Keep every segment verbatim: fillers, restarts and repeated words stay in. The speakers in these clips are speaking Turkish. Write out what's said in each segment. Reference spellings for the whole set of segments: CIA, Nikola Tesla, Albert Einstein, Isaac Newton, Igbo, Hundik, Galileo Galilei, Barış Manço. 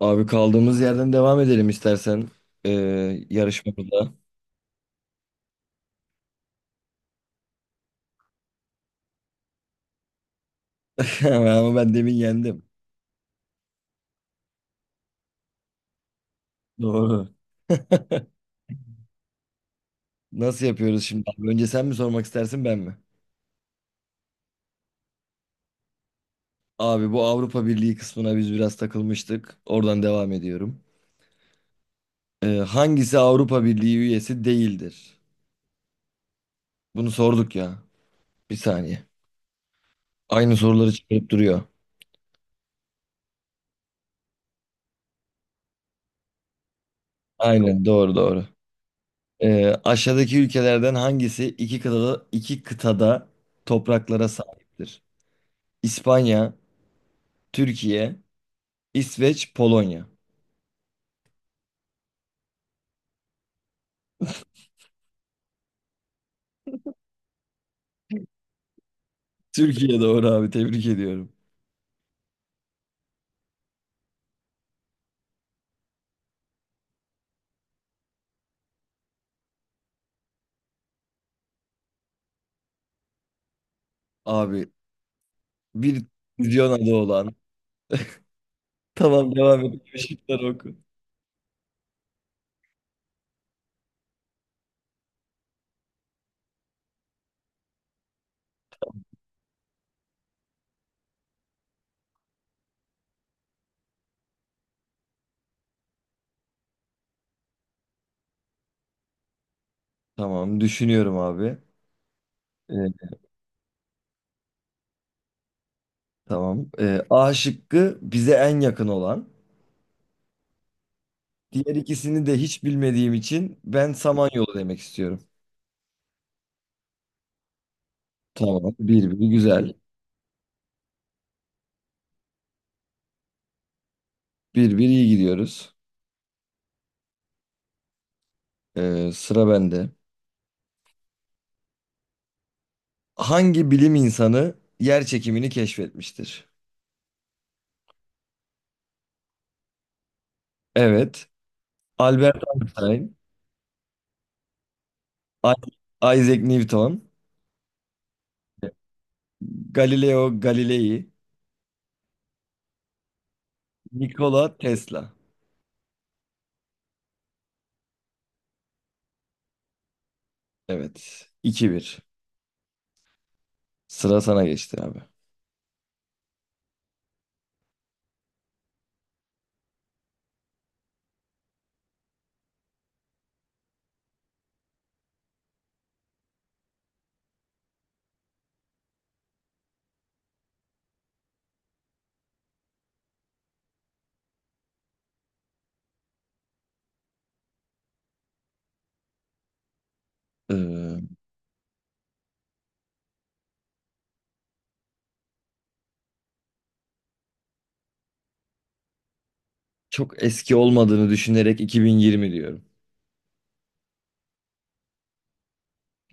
Abi kaldığımız yerden devam edelim istersen ee, yarışmamıza. Ama ben demin yendim. Doğru. Nasıl yapıyoruz şimdi abi? Önce sen mi sormak istersin ben mi? Abi, bu Avrupa Birliği kısmına biz biraz takılmıştık. Oradan devam ediyorum. Ee, hangisi Avrupa Birliği üyesi değildir? Bunu sorduk ya. Bir saniye. Aynı soruları çıkarıp duruyor. Aynen, doğru doğru. Ee, aşağıdaki ülkelerden hangisi iki kıtada, iki kıtada topraklara sahiptir? İspanya, Türkiye, İsveç, Polonya. Türkiye doğru abi, tebrik ediyorum. Abi bir füzyon adı olan. Tamam, devam et. Şıkları oku. Tamam, düşünüyorum abi. Ee, tamam. Ee, A şıkkı bize en yakın olan. Diğer ikisini de hiç bilmediğim için ben Samanyolu demek istiyorum. Tamam. Bir bir, güzel. Bir bir iyi gidiyoruz. Ee, sıra bende. Hangi bilim insanı yer çekimini keşfetmiştir? Evet. Albert Einstein. I- Isaac Newton, Galileo Galilei, Nikola Tesla. Evet. iki bir. Sıra sana geçti abi. Ee, çok eski olmadığını düşünerek iki bin yirmi diyorum.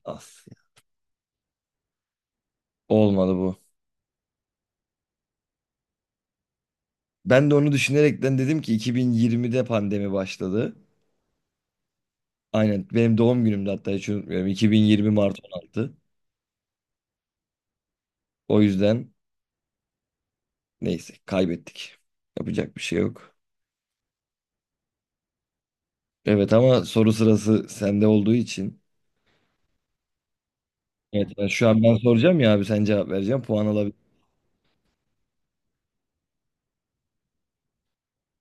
As. Olmadı bu. Ben de onu düşünerekten dedim ki iki bin yirmide pandemi başladı. Aynen benim doğum günümde hatta, hiç unutmuyorum. iki bin yirmi Mart on altı. O yüzden neyse, kaybettik. Yapacak bir şey yok. Evet ama soru sırası sende olduğu için. Evet, ben şu an ben soracağım ya abi, sen cevap vereceksin. Puan alabilir.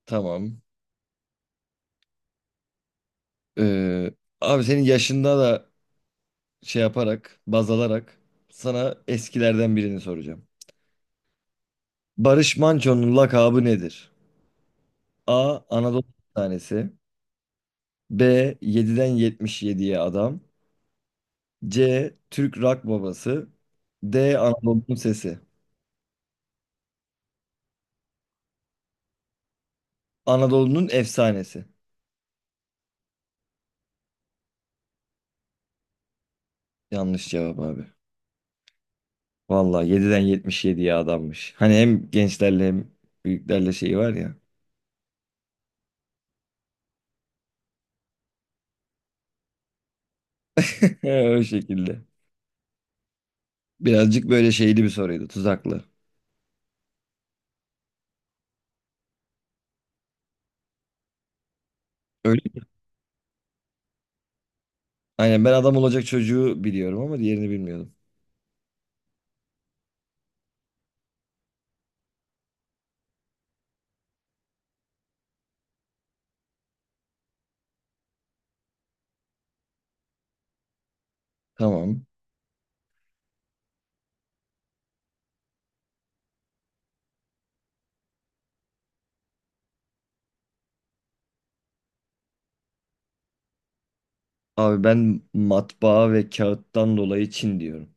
Tamam. Ee, abi senin yaşında da şey yaparak, baz alarak sana eskilerden birini soracağım. Barış Manço'nun lakabı nedir? A. Anadolu tanesi. B. yediden yetmiş yediye adam. C. Türk rock babası. D. Anadolu'nun sesi. Anadolu'nun efsanesi. Yanlış cevap abi. Valla Vallahi yediden yetmiş yediye adammış. Hani hem gençlerle hem büyüklerle şeyi var ya. O şekilde. Birazcık böyle şeyli bir soruydu. Tuzaklı. Öyle. Aynen, ben adam olacak çocuğu biliyorum ama diğerini bilmiyordum. Tamam. Abi ben matbaa ve kağıttan dolayı Çin diyorum.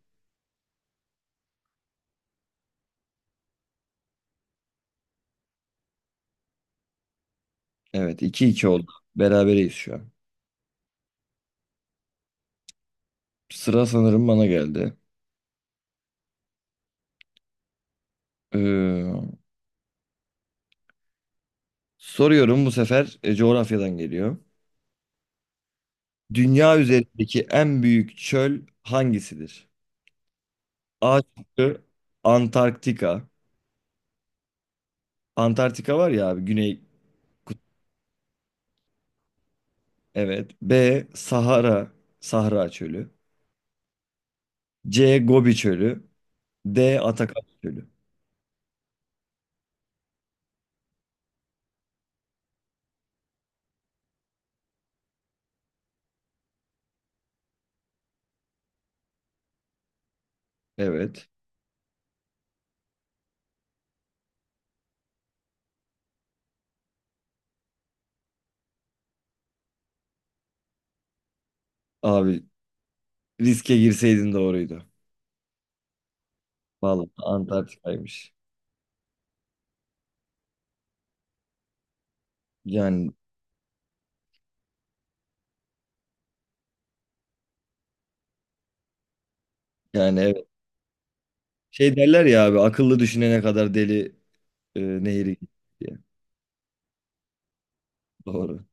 Evet, iki iki oldu. Berabereyiz şu an. Sıra sanırım bana geldi. Ee, Soruyorum bu sefer, e, coğrafyadan geliyor. Dünya üzerindeki en büyük çöl hangisidir? A şıkkı Antarktika. Antarktika var ya abi, güney. Evet. B Sahara. Sahra çölü. C Gobi çölü. D Atakan çölü. Evet. Abi, riske girseydin doğruydu. Vallahi Antarktika'ymış. Yani yani evet. Şey derler ya abi, akıllı düşünene kadar deli e, nehri diye. Doğru.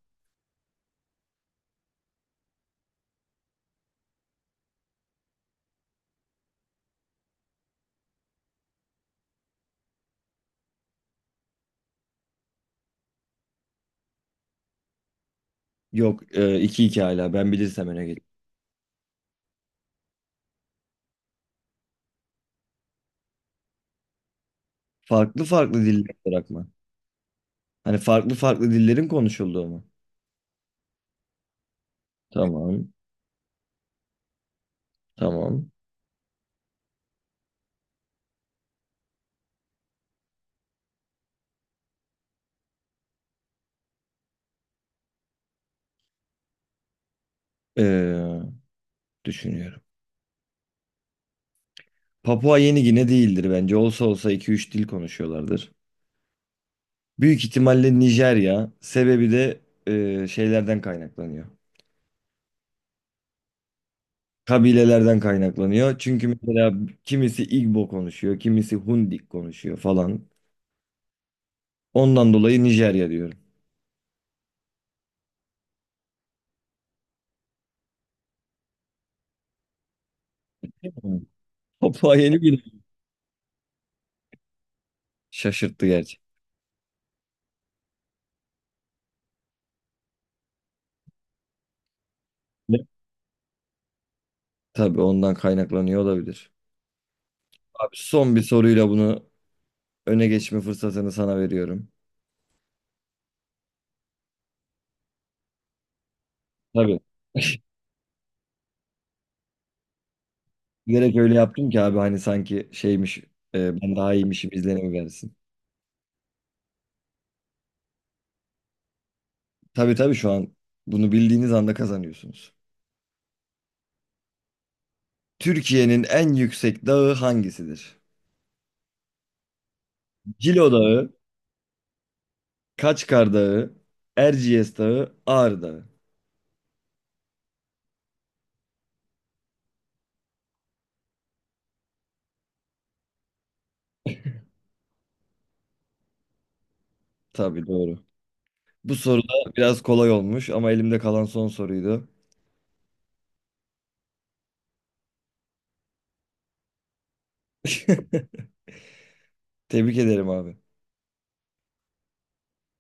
Yok, e, iki 2 hala ben bilirsem öne gel. Farklı farklı diller bırakma. Hani farklı farklı dillerin konuşulduğu mu? Tamam, tamam. Ee, düşünüyorum. Papua Yeni Gine değildir bence. Olsa olsa iki üç dil konuşuyorlardır. Büyük ihtimalle Nijerya. Sebebi de ee, şeylerden kaynaklanıyor. Kabilelerden kaynaklanıyor. Çünkü mesela kimisi Igbo konuşuyor, kimisi Hundik konuşuyor falan. Ondan dolayı Nijerya diyorum. Hı. Papua Yeni Gine şaşırttı gerçi. Tabii ondan kaynaklanıyor olabilir. Abi, son bir soruyla bunu öne geçme fırsatını sana veriyorum. Tabii. Bilerek öyle yaptım ki abi, hani sanki şeymiş, e, ben daha iyiymişim izlenimi versin. Tabii tabii, şu an bunu bildiğiniz anda kazanıyorsunuz. Türkiye'nin en yüksek dağı hangisidir? Cilo Dağı, Kaçkar Dağı, Erciyes Dağı, Ağrı Dağı. Tabii doğru. Bu soru da biraz kolay olmuş ama elimde kalan son soruydu. Tebrik ederim abi.